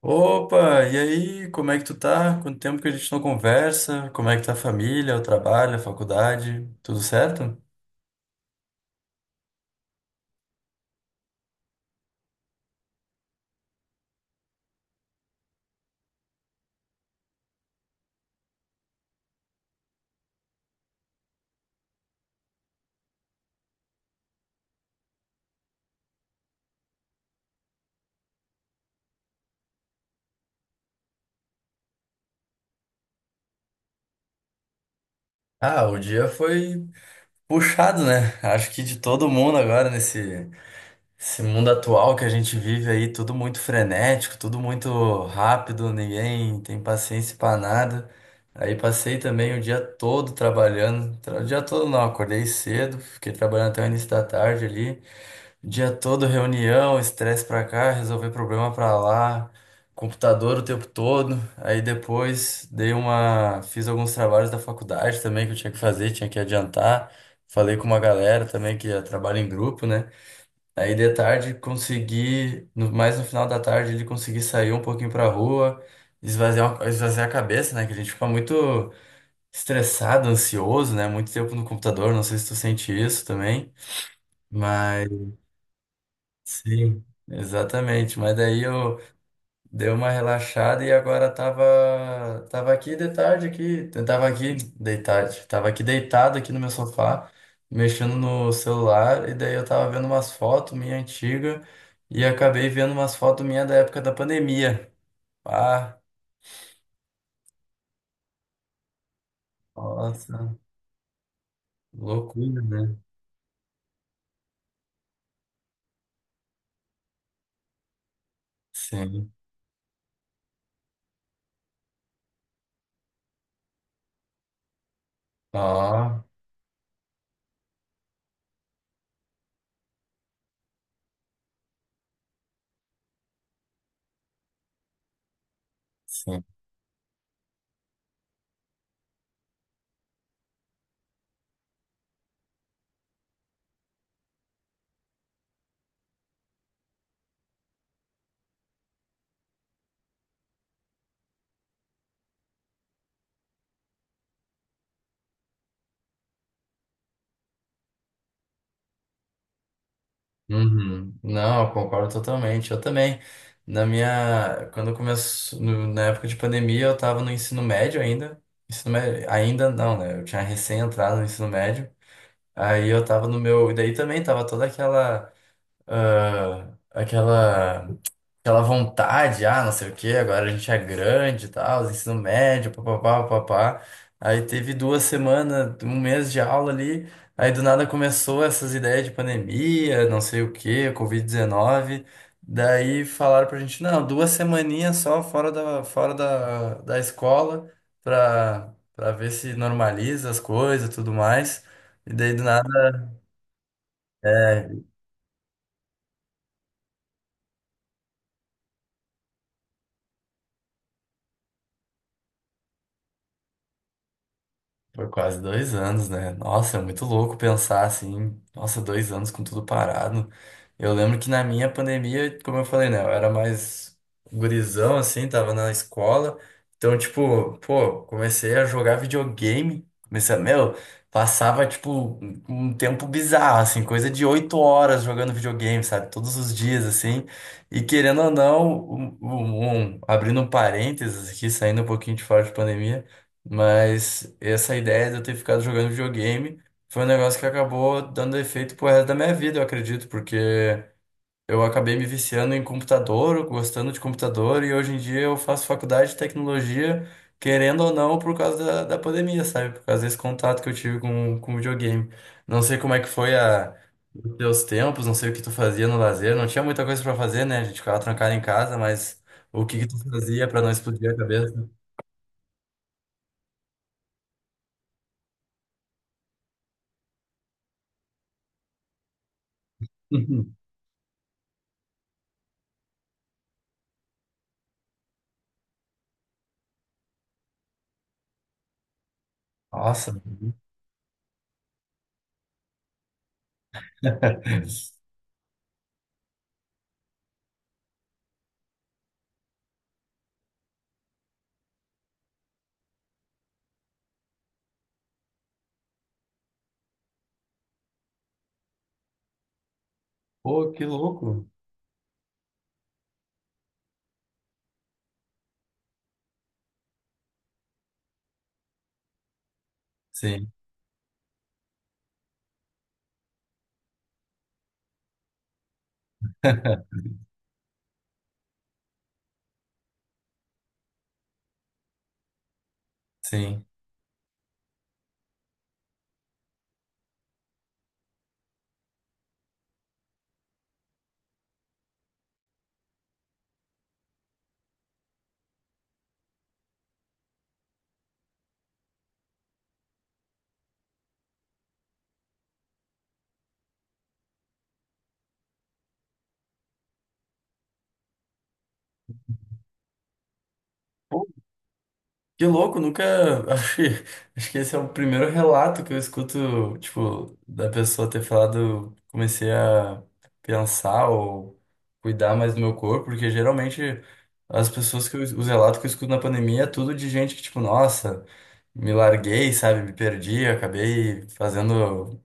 Opa, e aí, como é que tu tá? Quanto tempo que a gente não conversa? Como é que tá a família, o trabalho, a faculdade? Tudo certo? Ah, o dia foi puxado, né? Acho que de todo mundo agora nesse esse mundo atual que a gente vive aí, tudo muito frenético, tudo muito rápido, ninguém tem paciência pra nada. Aí passei também o dia todo trabalhando, o dia todo não, acordei cedo, fiquei trabalhando até o início da tarde ali. Dia todo reunião, estresse pra cá, resolver problema pra lá, computador o tempo todo. Aí depois fiz alguns trabalhos da faculdade também que eu tinha que fazer, tinha que adiantar. Falei com uma galera também que trabalha em grupo, né? Aí de tarde consegui, no- mais no final da tarde ele consegui sair um pouquinho pra rua, esvaziar a cabeça, né? Que a gente fica muito estressado, ansioso, né? Muito tempo no computador, não sei se tu sente isso também. Sim, exatamente. Mas daí eu dei uma relaxada e agora tava aqui de tarde aqui, tava aqui deitado aqui no meu sofá, mexendo no celular e daí eu tava vendo umas fotos minha antiga e acabei vendo umas fotos minha da época da pandemia. Ah, nossa, loucura, né? Sim. Ó, sim. Uhum. Não, eu concordo totalmente. Eu também. Na minha, quando começou, na época de pandemia, eu estava no ensino médio ainda. Ensino médio, ainda não, né? Eu tinha recém entrado no ensino médio. Aí eu estava no meu, e daí também tava toda aquela, aquela Aquela vontade, ah, não sei o quê, agora a gente é grande e tal, ensino médio, papapá, papapá. Aí teve duas semanas, um mês de aula ali, aí do nada começou essas ideias de pandemia, não sei o quê, Covid-19. Daí falaram pra gente, não, duas semaninhas só fora da, da escola pra, pra ver se normaliza as coisas e tudo mais. E daí do nada. É. Foi quase dois anos, né? Nossa, é muito louco pensar assim. Nossa, dois anos com tudo parado. Eu lembro que na minha pandemia, como eu falei, né? Eu era mais gurizão, assim, tava na escola. Então, tipo, pô, comecei a jogar videogame. Comecei a, meu, passava, tipo, um tempo bizarro, assim, coisa de 8 horas jogando videogame, sabe? Todos os dias, assim. E querendo ou não, abrindo um parênteses aqui, saindo um pouquinho de fora de pandemia. Mas essa ideia de eu ter ficado jogando videogame foi um negócio que acabou dando efeito pro resto da minha vida, eu acredito, porque eu acabei me viciando em computador, gostando de computador, e hoje em dia eu faço faculdade de tecnologia, querendo ou não, por causa da, da pandemia, sabe? Por causa desse contato que eu tive com videogame. Não sei como é que foi a, os teus tempos, não sei o que tu fazia no lazer, não tinha muita coisa pra fazer, né? A gente ficava trancado em casa, mas o que que tu fazia pra não explodir a cabeça? Nossa. Pô, que louco. Sim, sim. Pô, que louco, nunca. Acho que acho que esse é o primeiro relato que eu escuto, tipo, da pessoa ter falado, comecei a pensar ou cuidar mais do meu corpo, porque geralmente as pessoas que eu, os relatos que eu escuto na pandemia é tudo de gente que, tipo, nossa, me larguei, sabe, me perdi, acabei fazendo.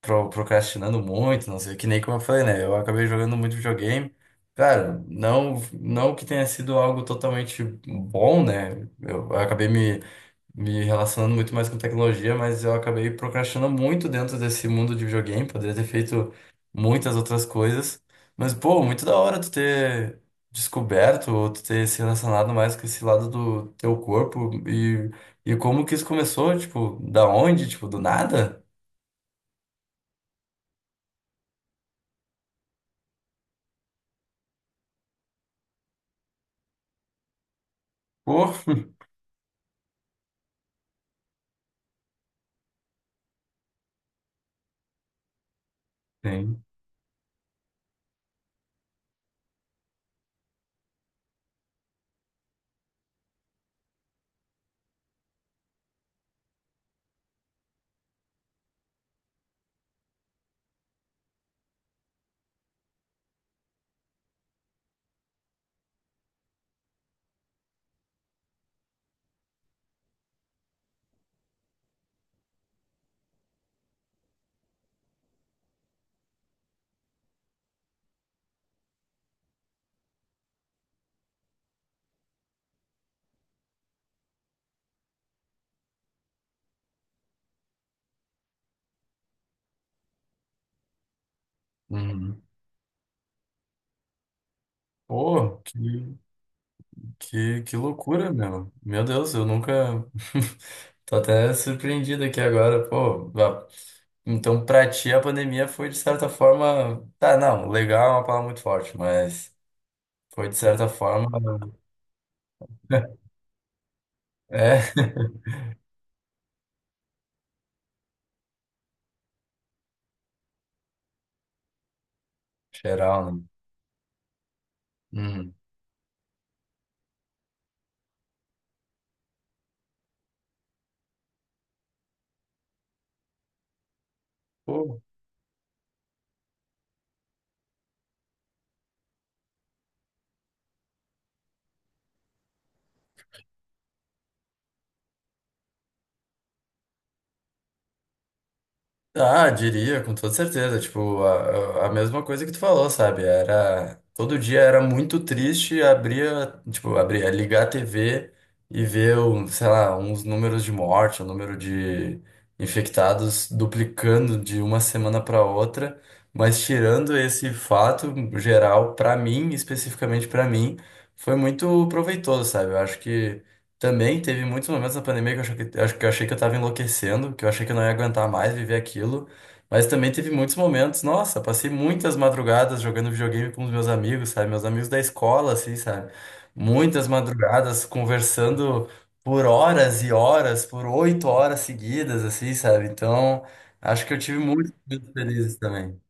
Procrastinando muito, não sei, que nem como eu falei, né? Eu acabei jogando muito videogame. Cara, não, não que tenha sido algo totalmente bom, né? Eu acabei me, me relacionando muito mais com tecnologia, mas eu acabei procrastinando muito dentro desse mundo de videogame. Poderia ter feito muitas outras coisas. Mas, pô, muito da hora tu ter descoberto ou tu ter se relacionado mais com esse lado do teu corpo e como que isso começou, tipo, da onde, tipo, do nada? Pô, sim. Uhum. Pô, que loucura, meu. Meu Deus, eu nunca. Tô até surpreendido aqui agora, pô. Então, pra ti, a pandemia foi, de certa forma. Tá, não, legal é uma palavra muito forte, mas foi, de certa forma. É, geral, né? Uhum. Pô. Ah, diria, com toda certeza. Tipo, a mesma coisa que tu falou, sabe? Era. Todo dia era muito triste, abria, tipo, abria, ligar a TV e ver, um, sei lá, uns números de morte, o número de infectados duplicando de uma semana para outra. Mas tirando esse fato geral, para mim, especificamente para mim, foi muito proveitoso, sabe? Eu acho que. Também teve muitos momentos na pandemia que eu, achei que, acho que eu achei que eu tava enlouquecendo, que eu achei que eu não ia aguentar mais viver aquilo. Mas também teve muitos momentos, nossa, passei muitas madrugadas jogando videogame com os meus amigos, sabe? Meus amigos da escola, assim, sabe? Muitas madrugadas conversando por horas e horas, por 8 horas seguidas, assim, sabe? Então, acho que eu tive muitos momentos felizes também.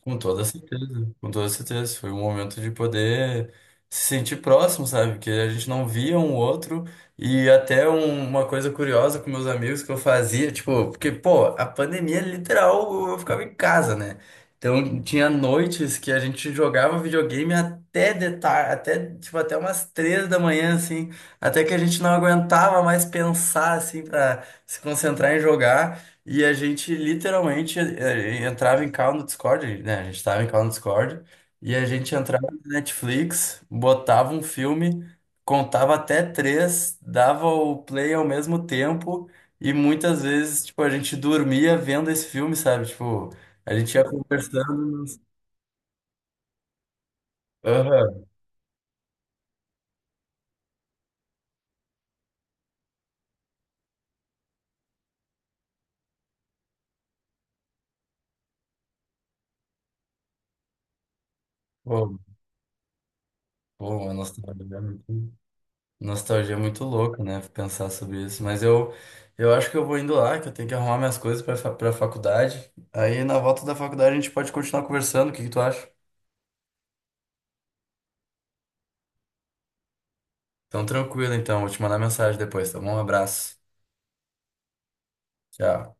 Com toda certeza, com toda certeza. Foi um momento de poder se sentir próximo, sabe? Que a gente não via um outro. E até uma coisa curiosa com meus amigos que eu fazia, tipo, porque, pô, a pandemia literal eu ficava em casa, né? Então tinha noites que a gente jogava videogame até, tipo, até umas 3 da manhã, assim, até que a gente não aguentava mais pensar, assim, pra se concentrar em jogar. E a gente literalmente entrava em call no Discord, né? A gente estava em call no Discord e a gente entrava Uhum. no Netflix, botava um filme, contava até três, dava o play ao mesmo tempo e muitas vezes, tipo, a gente dormia vendo esse filme, sabe? Tipo, a gente ia conversando. Aham. Pô, pô, uma nostalgia. Nostalgia é muito louca, né? Pensar sobre isso. Mas eu acho que eu vou indo lá, que eu tenho que arrumar minhas coisas pra, pra faculdade. Aí na volta da faculdade a gente pode continuar conversando. O que que tu acha? Então, tranquilo, então. Vou te mandar mensagem depois, tá bom? Um abraço. Tchau.